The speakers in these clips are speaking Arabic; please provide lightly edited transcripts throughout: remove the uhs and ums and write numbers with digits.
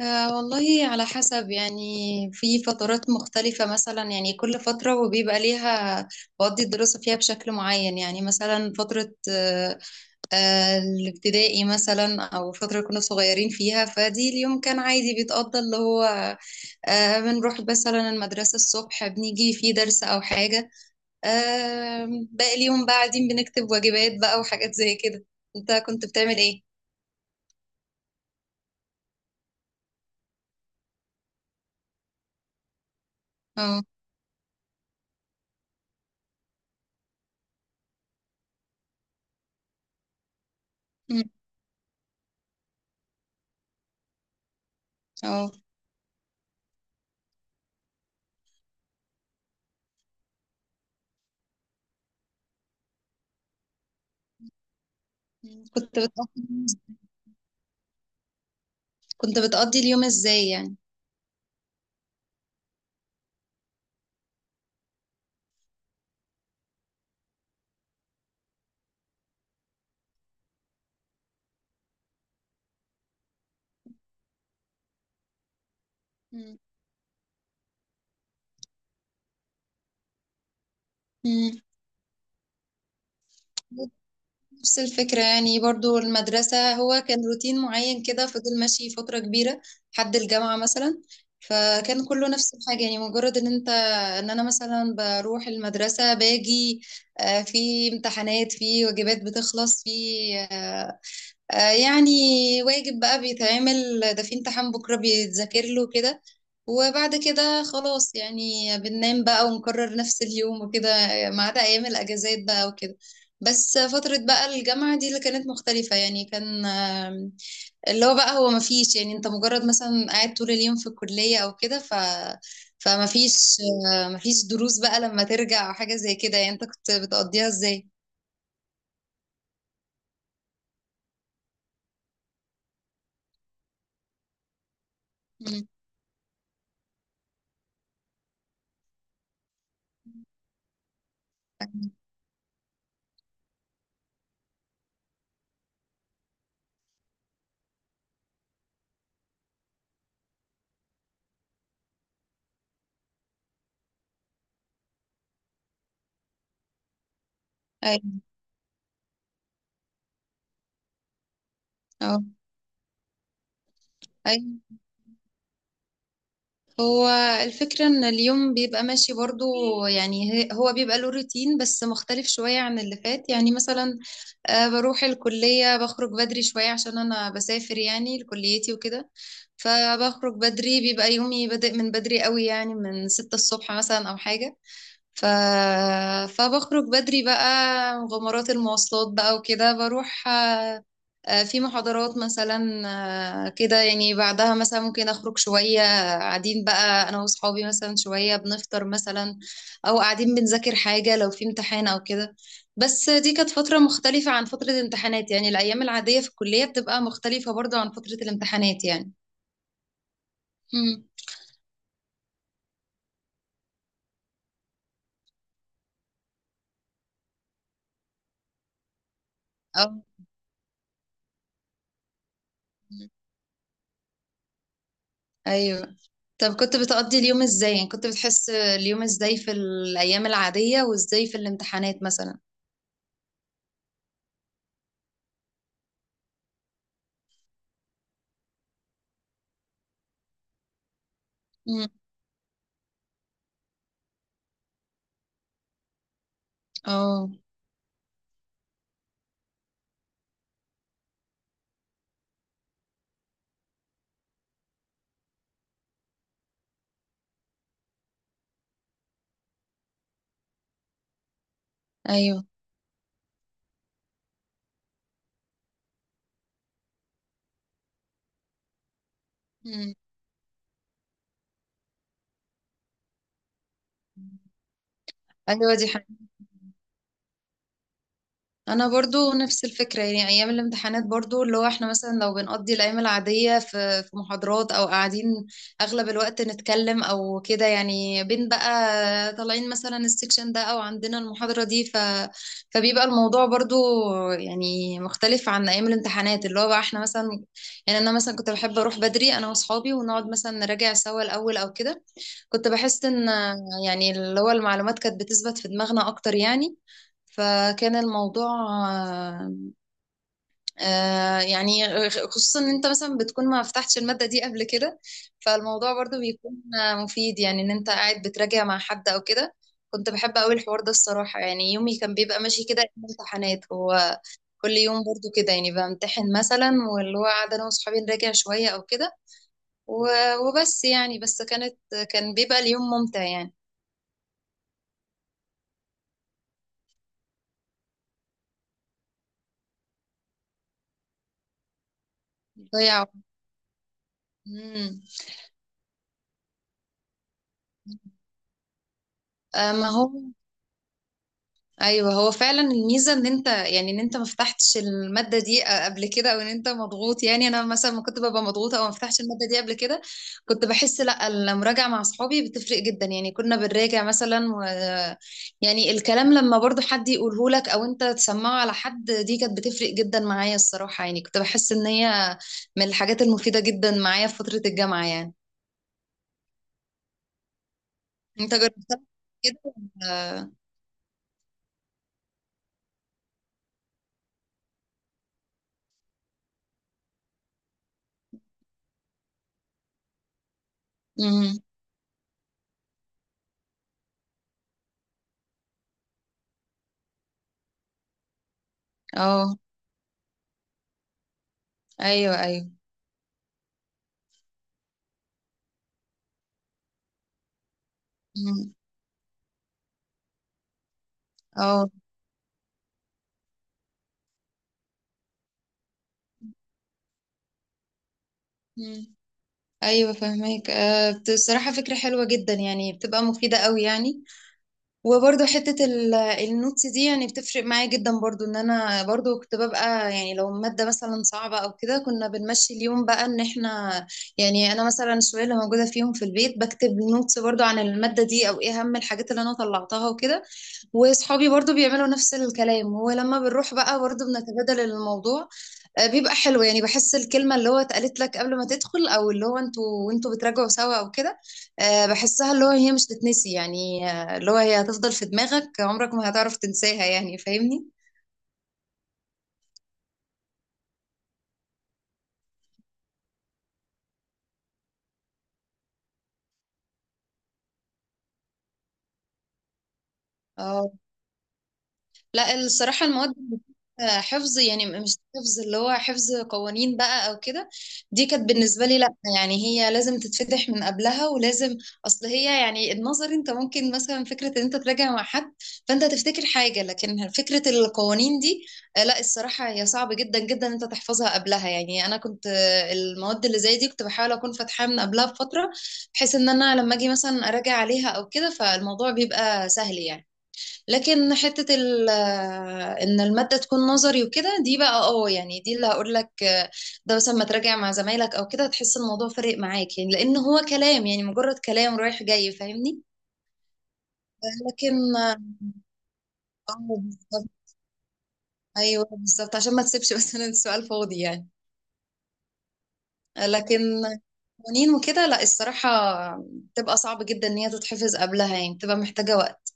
آه والله على حسب يعني. في فترات مختلفة مثلا، يعني كل فترة وبيبقى ليها بقضي الدراسة فيها بشكل معين. يعني مثلا فترة الابتدائي مثلا، أو فترة كنا صغيرين فيها، فدي اليوم كان عادي بيتقضى اللي هو بنروح مثلا المدرسة الصبح، بنيجي في درس أو حاجة، آه باقي اليوم بقى قاعدين بنكتب واجبات بقى وحاجات زي كده. أنت كنت بتعمل إيه؟ اه. أمم. اه. كنت بتقضي كنت بتقضي اليوم ازاي يعني؟ مم. مم. نفس الفكرة يعني، برضو المدرسة هو كان روتين معين كده، فضل ماشي فترة كبيرة لحد الجامعة مثلا. فكان كله نفس الحاجة، يعني مجرد ان انا مثلا بروح المدرسة باجي، في امتحانات، في واجبات بتخلص، في آه، يعني واجب بقى بيتعمل، ده في امتحان بكرة بيتذاكر له كده، وبعد كده خلاص يعني بننام بقى ونكرر نفس اليوم وكده، ما عدا أيام الأجازات بقى وكده. بس فترة بقى الجامعة دي اللي كانت مختلفة، يعني كان اللي هو بقى هو مفيش، يعني انت مجرد مثلا قاعد طول اليوم في الكلية او كده ف فمفيش آه، مفيش دروس بقى لما ترجع او حاجة زي كده، يعني انت كنت بتقضيها ازاي؟ مم. ايوه. اه. ايوه، هو الفكرة ان اليوم بيبقى ماشي برضو. يعني هو بيبقى له روتين بس مختلف شوية عن اللي فات، يعني مثلا بروح الكلية، بخرج بدري شوية عشان انا بسافر يعني لكليتي وكده، فبخرج بدري بيبقى يومي بادئ من بدري قوي، يعني من ستة الصبح مثلا او حاجة. ف... فبخرج بدري بقى مغامرات المواصلات بقى وكده، بروح في محاضرات مثلا. كده يعني، بعدها مثلا ممكن أخرج شوية قاعدين بقى أنا وأصحابي مثلا شوية، بنفطر مثلا أو قاعدين بنذاكر حاجة لو في امتحان أو كده. بس دي كانت فترة مختلفة عن فترة الامتحانات، يعني الأيام العادية في الكلية بتبقى مختلفة برضو عن فترة الامتحانات يعني. مم. أو أيوه. طب كنت بتقضي اليوم ازاي يعني؟ كنت بتحس اليوم ازاي في الايام العادية وازاي في الامتحانات مثلا؟ امم. اه. ايوه. امم. ايوه، انا برضو نفس الفكره، يعني ايام الامتحانات برضو اللي هو احنا مثلا لو بنقضي الايام العاديه في محاضرات او قاعدين اغلب الوقت نتكلم او كده، يعني بين بقى طالعين مثلا السكشن ده او عندنا المحاضره دي. فبيبقى الموضوع برضو يعني مختلف عن ايام الامتحانات اللي هو بقى احنا مثلا. يعني انا مثلا كنت بحب اروح بدري انا واصحابي ونقعد مثلا نراجع سوا الاول او كده. كنت بحس ان يعني اللي هو المعلومات كانت بتثبت في دماغنا اكتر يعني. فكان الموضوع آه، يعني خصوصا ان انت مثلا بتكون ما فتحتش المادة دي قبل كده، فالموضوع برضو بيكون مفيد يعني ان انت قاعد بتراجع مع حد او كده. كنت بحب قوي الحوار ده الصراحة. يعني يومي كان بيبقى ماشي كده إنه امتحانات. هو كل يوم برضو كده، يعني بمتحن مثلا واللي هو قاعدة انا واصحابي نراجع شوية او كده. و- وبس يعني، بس كان بيبقى اليوم ممتع يعني. ضيع وقت. مم. ما هو ايوه، هو فعلا الميزه ان انت يعني ان انت ما فتحتش الماده دي قبل كده او ان انت مضغوط. يعني انا مثلا ما كنت ببقى مضغوطه او ما فتحتش الماده دي قبل كده، كنت بحس لا، المراجعه مع اصحابي بتفرق جدا. يعني كنا بنراجع مثلا و يعني الكلام لما برضو حد يقوله لك او انت تسمعه على حد دي كانت بتفرق جدا معايا الصراحه. يعني كنت بحس ان هي من الحاجات المفيده جدا معايا في فتره الجامعه يعني. انت جربتها كده ولا-؟ مم. اه. ايوه. ايوه. مم. اه. مم. ايوه فهماك. بصراحه فكره حلوه جدا يعني بتبقى مفيده قوي يعني. وبرده حته النوتس دي يعني بتفرق معايا جدا برضو، ان انا برضو كنت ببقى، يعني لو ماده مثلا صعبه او كده كنا بنمشي اليوم بقى ان احنا، يعني انا مثلا الشويه اللي موجوده فيهم في البيت بكتب نوتس برضو عن الماده دي او ايه اهم الحاجات اللي انا طلعتها وكده، واصحابي برضو بيعملوا نفس الكلام، ولما بنروح بقى برضو بنتبادل الموضوع. بيبقى حلو يعني، بحس الكلمة اللي هو اتقالت لك قبل ما تدخل أو اللي هو انتوا بتراجعوا سوا أو كده، بحسها اللي هو هي مش تتنسي يعني. اللي هو هي هتفضل في دماغك عمرك ما هتعرف تنساها يعني، فاهمني؟ اه. لا الصراحة المواد حفظ يعني، مش حفظ، اللي هو حفظ قوانين بقى او كده، دي كانت بالنسبة لي لا، يعني هي لازم تتفتح من قبلها ولازم. اصل هي يعني النظر انت ممكن مثلا فكرة ان انت تراجع مع حد فانت تفتكر حاجة، لكن فكرة القوانين دي لا الصراحة هي صعب جدا جدا انت تحفظها قبلها. يعني انا كنت المواد اللي زي دي كنت بحاول اكون فاتحاها من قبلها بفترة، بحيث ان انا لما اجي مثلا اراجع عليها او كده فالموضوع بيبقى سهل يعني. لكن حتة ال آه، ان المادة تكون نظري وكده دي بقى يعني دي اللي هقول لك، ده مثلا ما تراجع مع زمايلك او كده هتحس الموضوع فارق معاك يعني، لان هو كلام يعني مجرد كلام رايح جاي، فاهمني؟ لكن اه آه، بالظبط. ايوه بالظبط، عشان ما تسيبش مثلا السؤال فاضي يعني. لكن قوانين وكده لا الصراحة بتبقى صعب جدا ان هي تتحفظ قبلها، يعني بتبقى محتاجة وقت.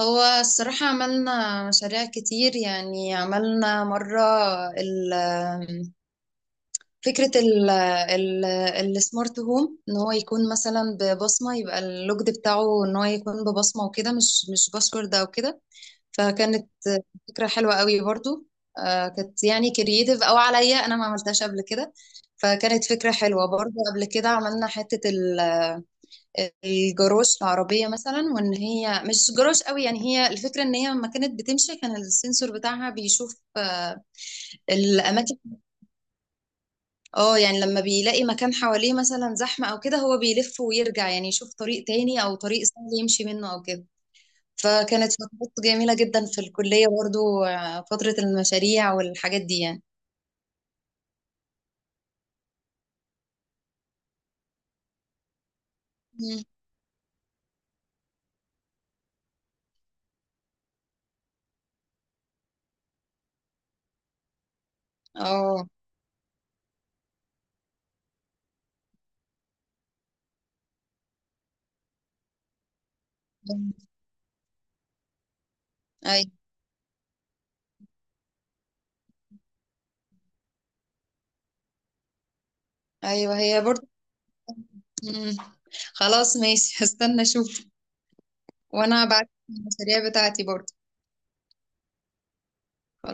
هو الصراحة عملنا مشاريع كتير يعني، عملنا مرة ال فكرة ال ال السمارت هوم، ان هو يكون مثلا ببصمة، يبقى اللوجد بتاعه ان هو يكون ببصمة وكده مش باسورد او كده. فكانت فكرة حلوة قوي برضو. كانت يعني كرييتيف او عليا، انا ما عملتهاش قبل كده، فكانت فكرة حلوة برضو. قبل كده عملنا حتة الجروش العربية مثلا، وان هي مش جروش قوي، يعني هي الفكرة ان هي لما كانت بتمشي كان السنسور بتاعها بيشوف الاماكن. اه، يعني لما بيلاقي مكان حواليه مثلا زحمة او كده هو بيلف ويرجع، يعني يشوف طريق تاني او طريق سهل يمشي منه او كده. فكانت فترات جميلة جدا في الكلية برضو. فترة المشاريع والحاجات دي يعني. مم. اه. اي. ايوه هي برضو. مم. خلاص ماشي هستنى اشوف. وانا بعت المشاريع بتاعتي برضو.